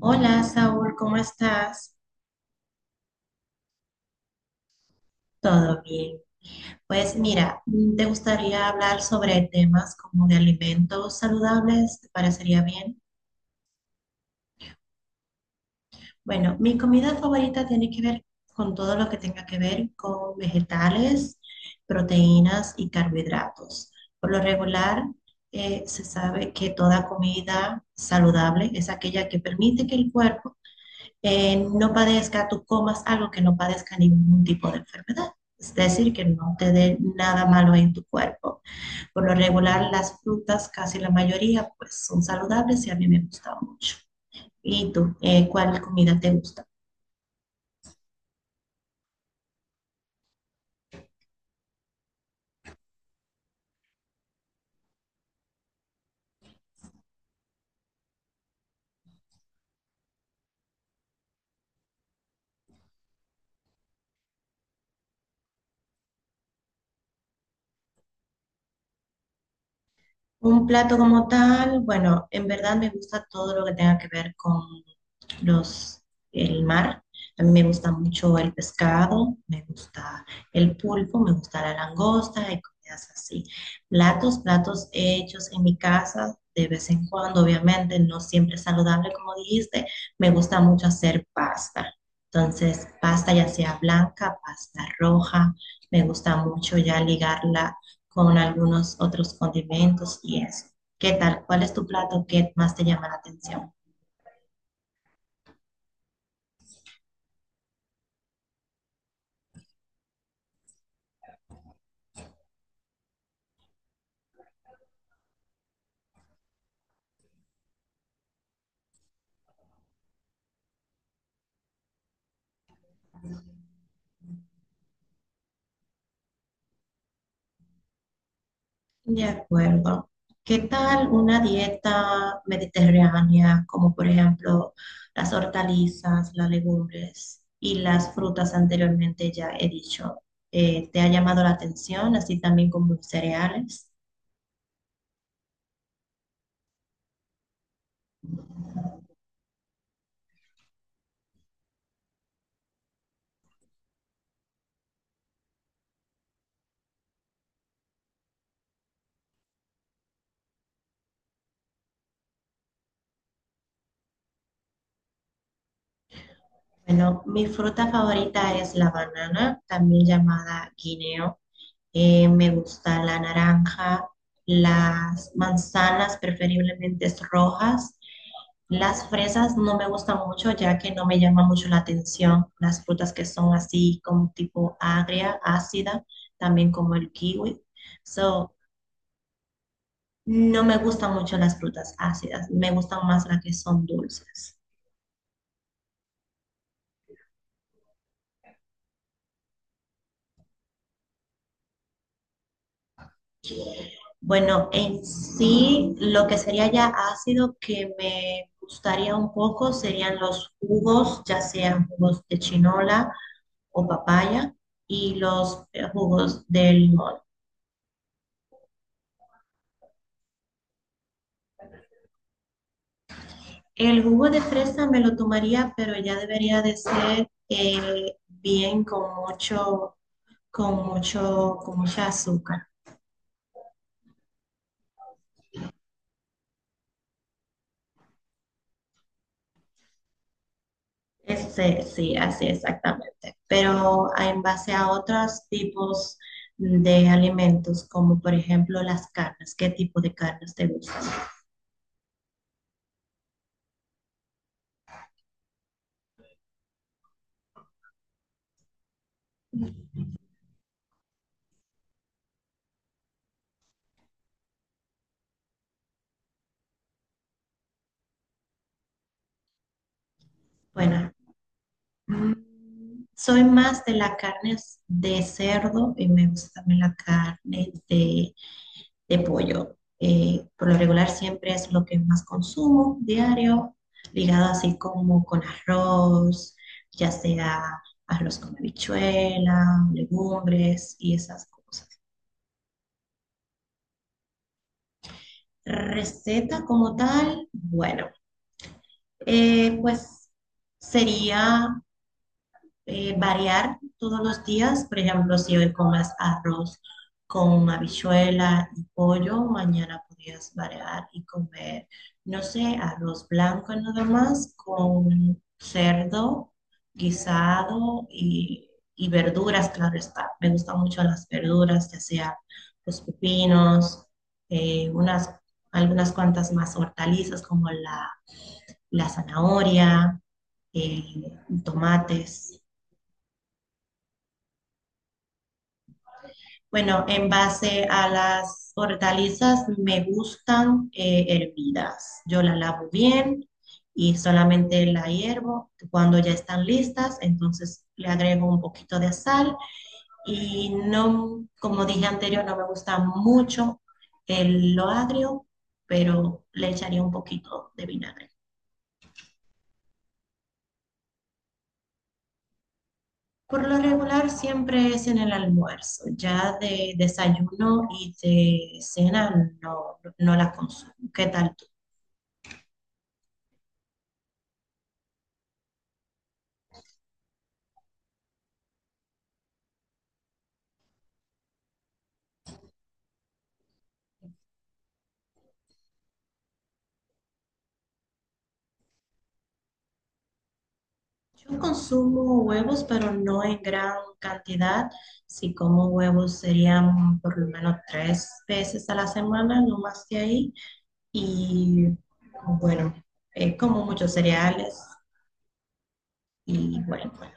Hola, Saúl, ¿cómo estás? ¿Todo bien? Pues mira, ¿te gustaría hablar sobre temas como de alimentos saludables? ¿Te parecería bien? Bueno, mi comida favorita tiene que ver con todo lo que tenga que ver con vegetales, proteínas y carbohidratos. Por lo regular, se sabe que toda comida saludable es aquella que permite que el cuerpo no padezca, tú comas algo que no padezca ningún tipo de enfermedad. Es decir, que no te dé nada malo en tu cuerpo. Por lo regular, las frutas, casi la mayoría, pues son saludables y a mí me gustan mucho. ¿Y tú, cuál comida te gusta? Un plato como tal, bueno, en verdad me gusta todo lo que tenga que ver con los, el mar. A mí me gusta mucho el pescado, me gusta el pulpo, me gusta la langosta y comidas así. Platos hechos en mi casa de vez en cuando, obviamente, no siempre es saludable, como dijiste. Me gusta mucho hacer pasta. Entonces, pasta ya sea blanca, pasta roja, me gusta mucho ya ligarla con algunos otros condimentos y eso. ¿Qué tal? ¿Cuál es tu plato que más te llama la atención? De acuerdo. ¿Qué tal una dieta mediterránea, como por ejemplo las hortalizas, las legumbres y las frutas anteriormente ya he dicho? ¿Te ha llamado la atención, así también como los cereales? Bueno, mi fruta favorita es la banana, también llamada guineo. Me gusta la naranja, las manzanas preferiblemente rojas. Las fresas no me gustan mucho ya que no me llama mucho la atención. Las frutas que son así como tipo agria, ácida, también como el kiwi. So, no me gustan mucho las frutas ácidas, me gustan más las que son dulces. Bueno, en sí, lo que sería ya ácido que me gustaría un poco serían los jugos, ya sean jugos de chinola, o papaya y los jugos de limón. El jugo de fresa me lo tomaría, pero ya debería de ser bien con mucho, con mucha azúcar. Este, sí, así exactamente. Pero a- en base a otros tipos de alimentos, como por ejemplo las carnes, ¿qué tipo de carnes te gustan? Bueno, soy más de las carnes de cerdo y me gusta también la carne de pollo. Por lo regular siempre es lo que más consumo diario, ligado así como con arroz, ya sea arroz con habichuela, legumbres y esas cosas. Receta como tal, bueno, pues sería variar todos los días. Por ejemplo, si hoy comas arroz con habichuela y pollo, mañana podrías variar y comer, no sé, arroz blanco nada más con cerdo guisado y verduras, claro está. Me gustan mucho las verduras, ya sea los pepinos, eh, unas, algunas cuantas más hortalizas como la zanahoria, eh, tomates. Bueno, en base a las hortalizas me gustan hervidas. Yo la lavo bien y solamente la hiervo. Cuando ya están listas, entonces le agrego un poquito de sal y no, como dije anterior, no me gusta mucho lo agrio, pero le echaría un poquito de vinagre. Por lo regular siempre es en el almuerzo, ya de desayuno y de cena no, no la consumo. ¿Qué tal? ¿Tú? Yo consumo huevos, pero no en gran cantidad. Si como huevos serían por lo menos tres veces a la semana, no más que ahí. Y bueno, como muchos cereales y bueno, bueno.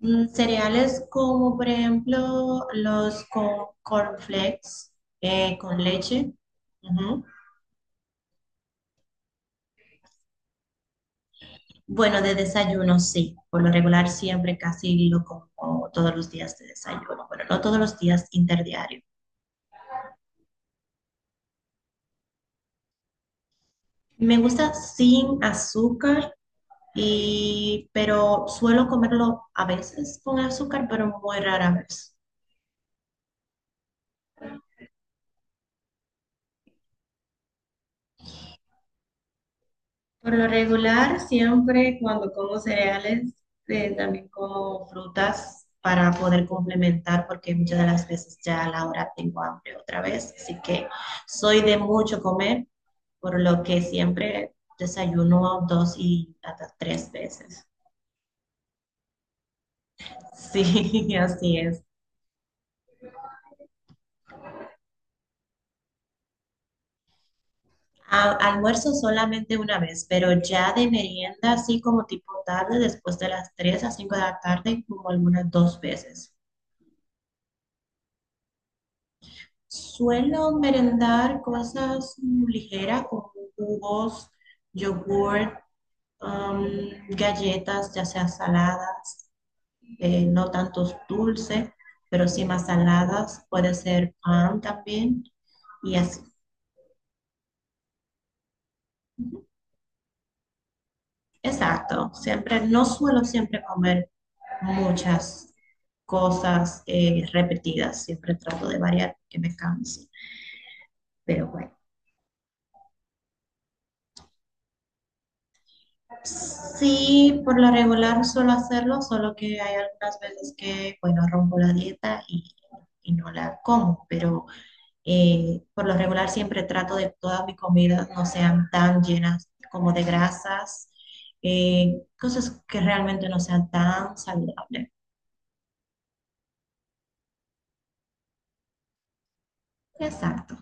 Cereales como por ejemplo los con cornflakes con leche. Ujú. Bueno, de desayuno sí. Por lo regular siempre casi lo como todos los días de desayuno. Bueno, no todos los días, interdiario. Me gusta sin azúcar, y, pero suelo comerlo a veces con azúcar, pero muy rara vez. Por lo regular, siempre cuando como cereales, también como frutas para poder complementar, porque muchas de las veces ya a la hora tengo hambre otra vez, así que soy de mucho comer, por lo que siempre desayuno dos y hasta tres veces. Sí, así es. A- almuerzo solamente una vez, pero ya de merienda, así como tipo tarde, después de las 3 a 5 de la tarde, como algunas dos veces. Suelo merendar cosas ligeras como jugos, yogurt, galletas, ya sea saladas, no tantos dulces, pero sí más saladas, puede ser pan también, y así. Exacto, siempre, no suelo siempre comer muchas cosas repetidas. Siempre trato de variar, que me canse. Pero bueno, sí, por lo regular suelo hacerlo, solo que hay algunas veces que, bueno, rompo la dieta y no la como. Pero por lo regular siempre trato de que todas mis comidas no sean tan llenas como de grasas. Cosas que realmente no sean tan saludables. Exacto.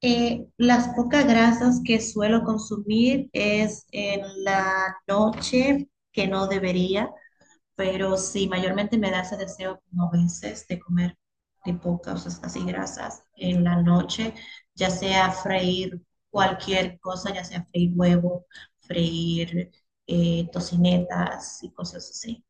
Las pocas grasas que suelo consumir es en la noche, que no debería, pero sí, mayormente me da ese deseo como a veces de comer de pocas, o sea, así grasas en la noche, ya sea freír cualquier cosa, ya sea freír huevo, freír tocinetas y cosas así.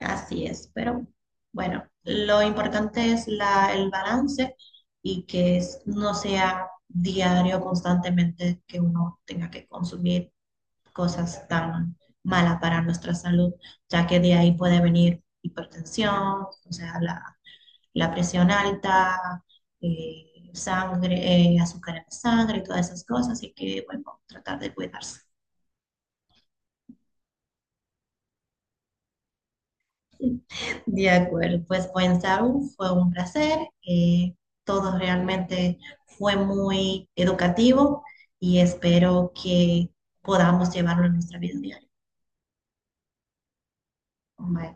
Así es, pero bueno, lo importante es el balance y que es- no sea diario, constantemente, que uno tenga que consumir cosas tan malas para nuestra salud, ya que de ahí puede venir hipertensión, o sea, la presión alta, sangre, azúcar en la sangre, todas esas cosas, y que, bueno, tratar de cuidarse. De acuerdo, pues buen Saru, fue un placer. eh, Todo realmente fue muy educativo y espero que podamos llevarlo a nuestra vida diaria. Bye.